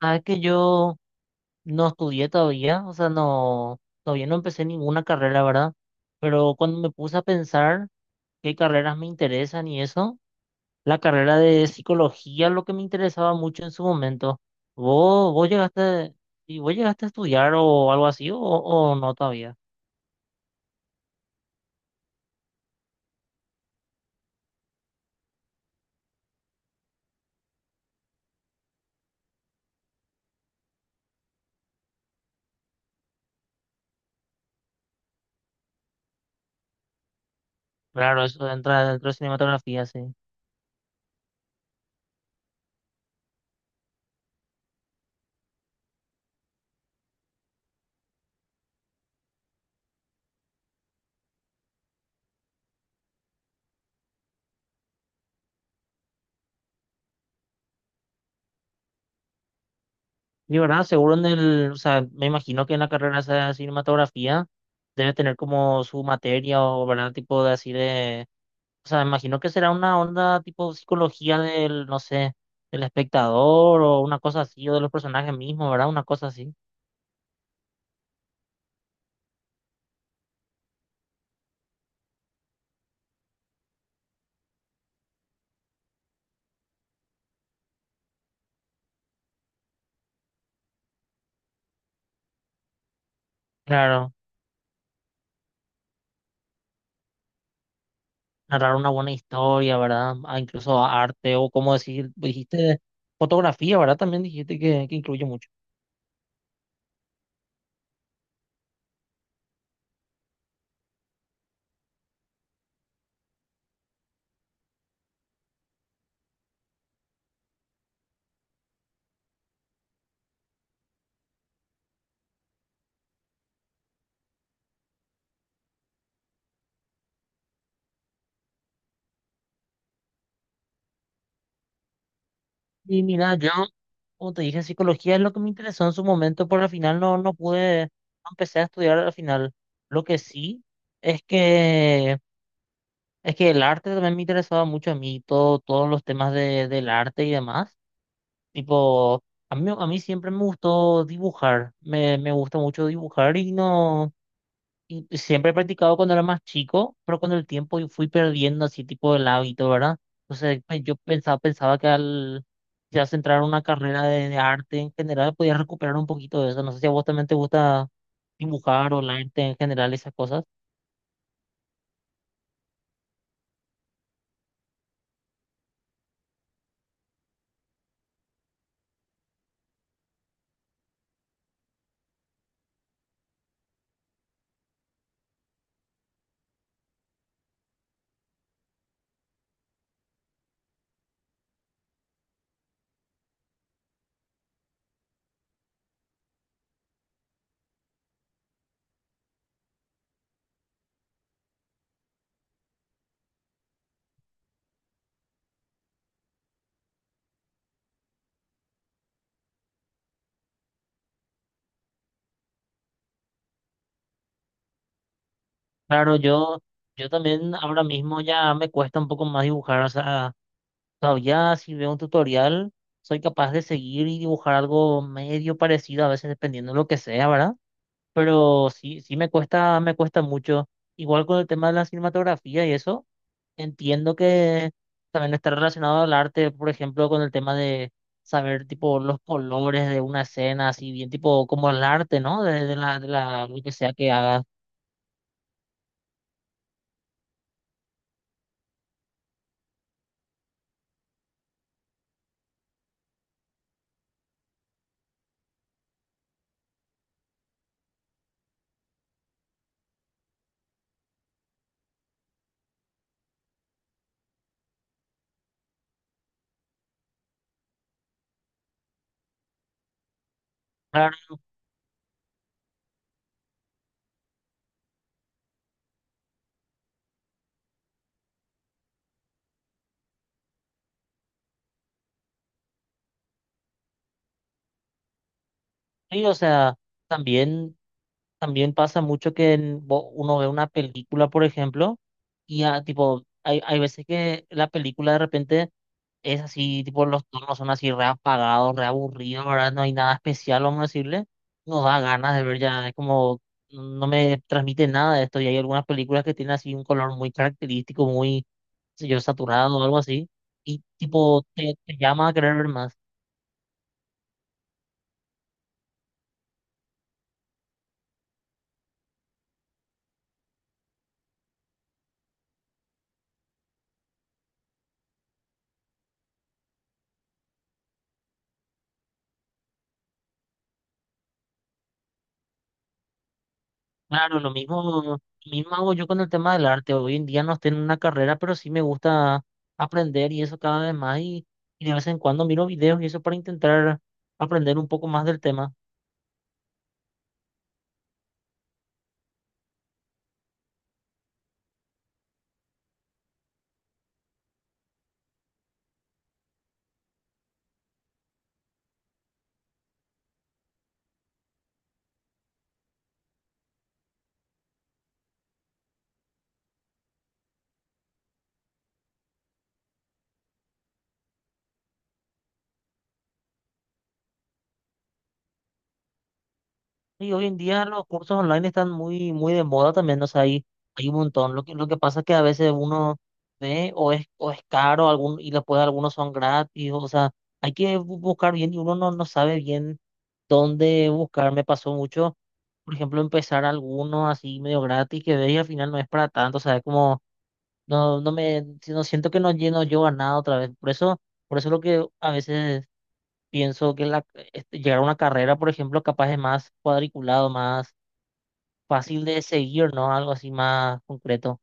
Sabes que yo no estudié todavía, o sea, no, todavía no empecé ninguna carrera, ¿verdad? Pero cuando me puse a pensar qué carreras me interesan y eso, la carrera de psicología es lo que me interesaba mucho en su momento. ¿Vos, vos llegaste, vos llegaste a estudiar o algo así, o no todavía? Claro, eso entra dentro de cinematografía, sí. Y verdad, seguro en el, o sea, me imagino que en la carrera esa de cinematografía debe tener como su materia o, ¿verdad? Tipo de así de... O sea, me imagino que será una onda tipo psicología del, no sé, del espectador o una cosa así, o de los personajes mismos, ¿verdad? Una cosa así. Claro, narrar una buena historia, ¿verdad? Ah, incluso arte o como decir, pues, dijiste fotografía, ¿verdad? También dijiste que incluye mucho. Y mira, yo, como te dije, psicología es lo que me interesó en su momento, pero al final no, no pude, no empecé a estudiar al final. Lo que sí es es que el arte también me interesaba mucho a mí, todo, todos los temas de, del arte y demás. Tipo, a mí siempre me gustó dibujar, me gusta mucho dibujar y no, y siempre he practicado cuando era más chico, pero con el tiempo y fui perdiendo así tipo el hábito, ¿verdad? Entonces pues, yo pensaba, pensaba que al ya centrar una carrera de arte en general podía recuperar un poquito de eso. No sé si a vos también te gusta dibujar o el arte en general, esas cosas. Claro, yo también ahora mismo ya me cuesta un poco más dibujar, o sea. O sea, ya si veo un tutorial, soy capaz de seguir y dibujar algo medio parecido, a veces dependiendo de lo que sea, ¿verdad? Pero sí, sí me cuesta mucho. Igual con el tema de la cinematografía y eso, entiendo que también está relacionado al arte, por ejemplo, con el tema de saber tipo los colores de una escena, así bien tipo como el arte, ¿no? Lo que sea que hagas. Claro, sí, o sea, también, también pasa mucho que uno ve una película, por ejemplo. Y ya, tipo, hay veces que la película de repente es así, tipo, los tonos son así re apagados, re aburridos, ¿verdad? No hay nada especial, vamos a decirle. Nos da ganas de ver ya, es como, no me transmite nada de esto. Y hay algunas películas que tienen así un color muy característico, muy, qué sé yo, saturado o algo así. Y tipo, te llama a querer ver más. Claro, lo mismo hago yo con el tema del arte. Hoy en día no estoy en una carrera, pero sí me gusta aprender y eso cada vez más. Y de vez en cuando miro videos y eso para intentar aprender un poco más del tema. Y hoy en día los cursos online están muy, muy de moda también. O sea, hay un montón. Lo que pasa es que a veces uno ve o es caro algún, y después algunos son gratis. O sea, hay que buscar bien y uno no, no sabe bien dónde buscar. Me pasó mucho, por ejemplo, empezar alguno así medio gratis que ves y al final no es para tanto, o sea, es como, no, no me, si no siento que no lleno yo a nada otra vez. Por eso lo que a veces pienso que la, este, llegar a una carrera, por ejemplo, capaz es más cuadriculado, más fácil de seguir, ¿no? Algo así más concreto.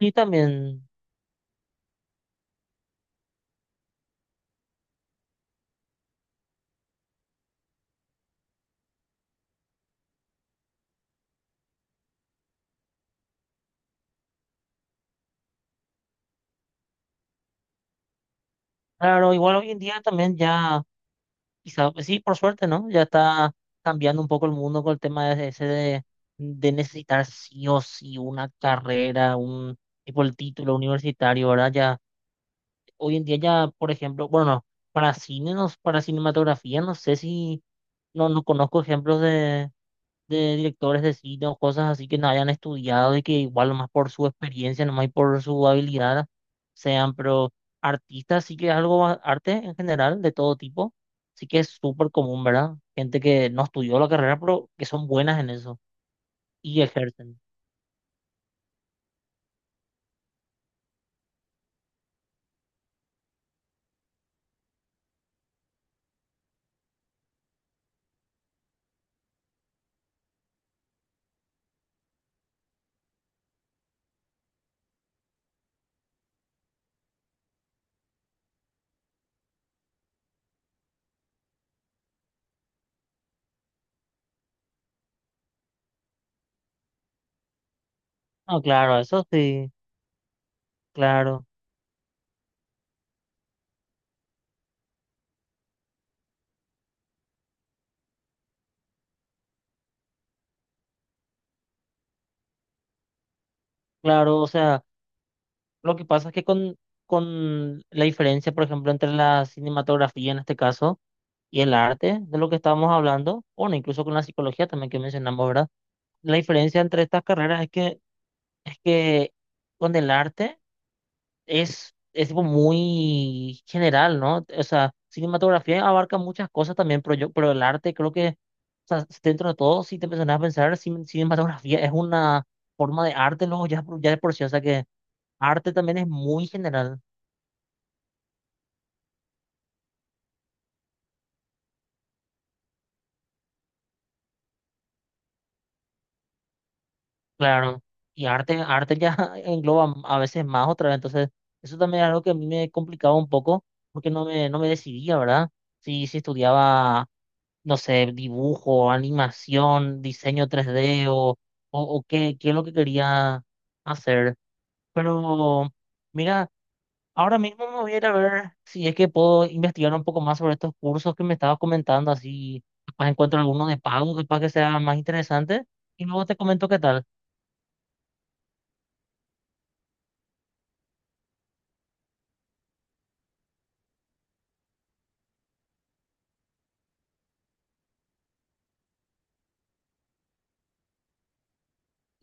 Y también, claro, igual hoy en día también ya... Quizá, pues sí, por suerte, ¿no? Ya está cambiando un poco el mundo con el tema de ese de necesitar sí o sí una carrera, un tipo el título universitario, ¿verdad? Ya, hoy en día ya, por ejemplo, bueno, no, para cine, no, para cinematografía, no sé si, no, no conozco ejemplos de directores de cine o cosas así que no hayan estudiado y que igual más por su experiencia, nomás y por su habilidad sean, pero artistas sí que es algo, arte en general, de todo tipo, sí que es súper común, ¿verdad? Gente que no estudió la carrera, pero que son buenas en eso y ejercen. No, claro, eso sí, claro, claro, o sea, lo que pasa es que con la diferencia, por ejemplo, entre la cinematografía en este caso, y el arte de lo que estábamos hablando, bueno, incluso con la psicología también que mencionamos, ¿verdad? La diferencia entre estas carreras es es que con el arte es tipo muy general, ¿no? O sea, cinematografía abarca muchas cosas también, pero yo, pero el arte creo que, o sea, dentro de todo, si te empiezas a pensar, cinematografía es una forma de arte, luego ya, ya de por sí, o sea que arte también es muy general, claro. Y arte, arte ya engloba a veces más otra vez, entonces eso también es algo que a mí me complicaba un poco porque no me, no me decidía, ¿verdad? Si estudiaba... no sé, dibujo, animación, diseño 3D o qué, qué es lo que quería hacer. Pero mira, ahora mismo me voy a ir a ver si es que puedo investigar un poco más sobre estos cursos que me estabas comentando, así capaz encuentro alguno de pago, capaz que sea más interesante. Y luego te comento qué tal.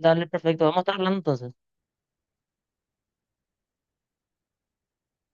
Dale, perfecto. Vamos a estar hablando entonces.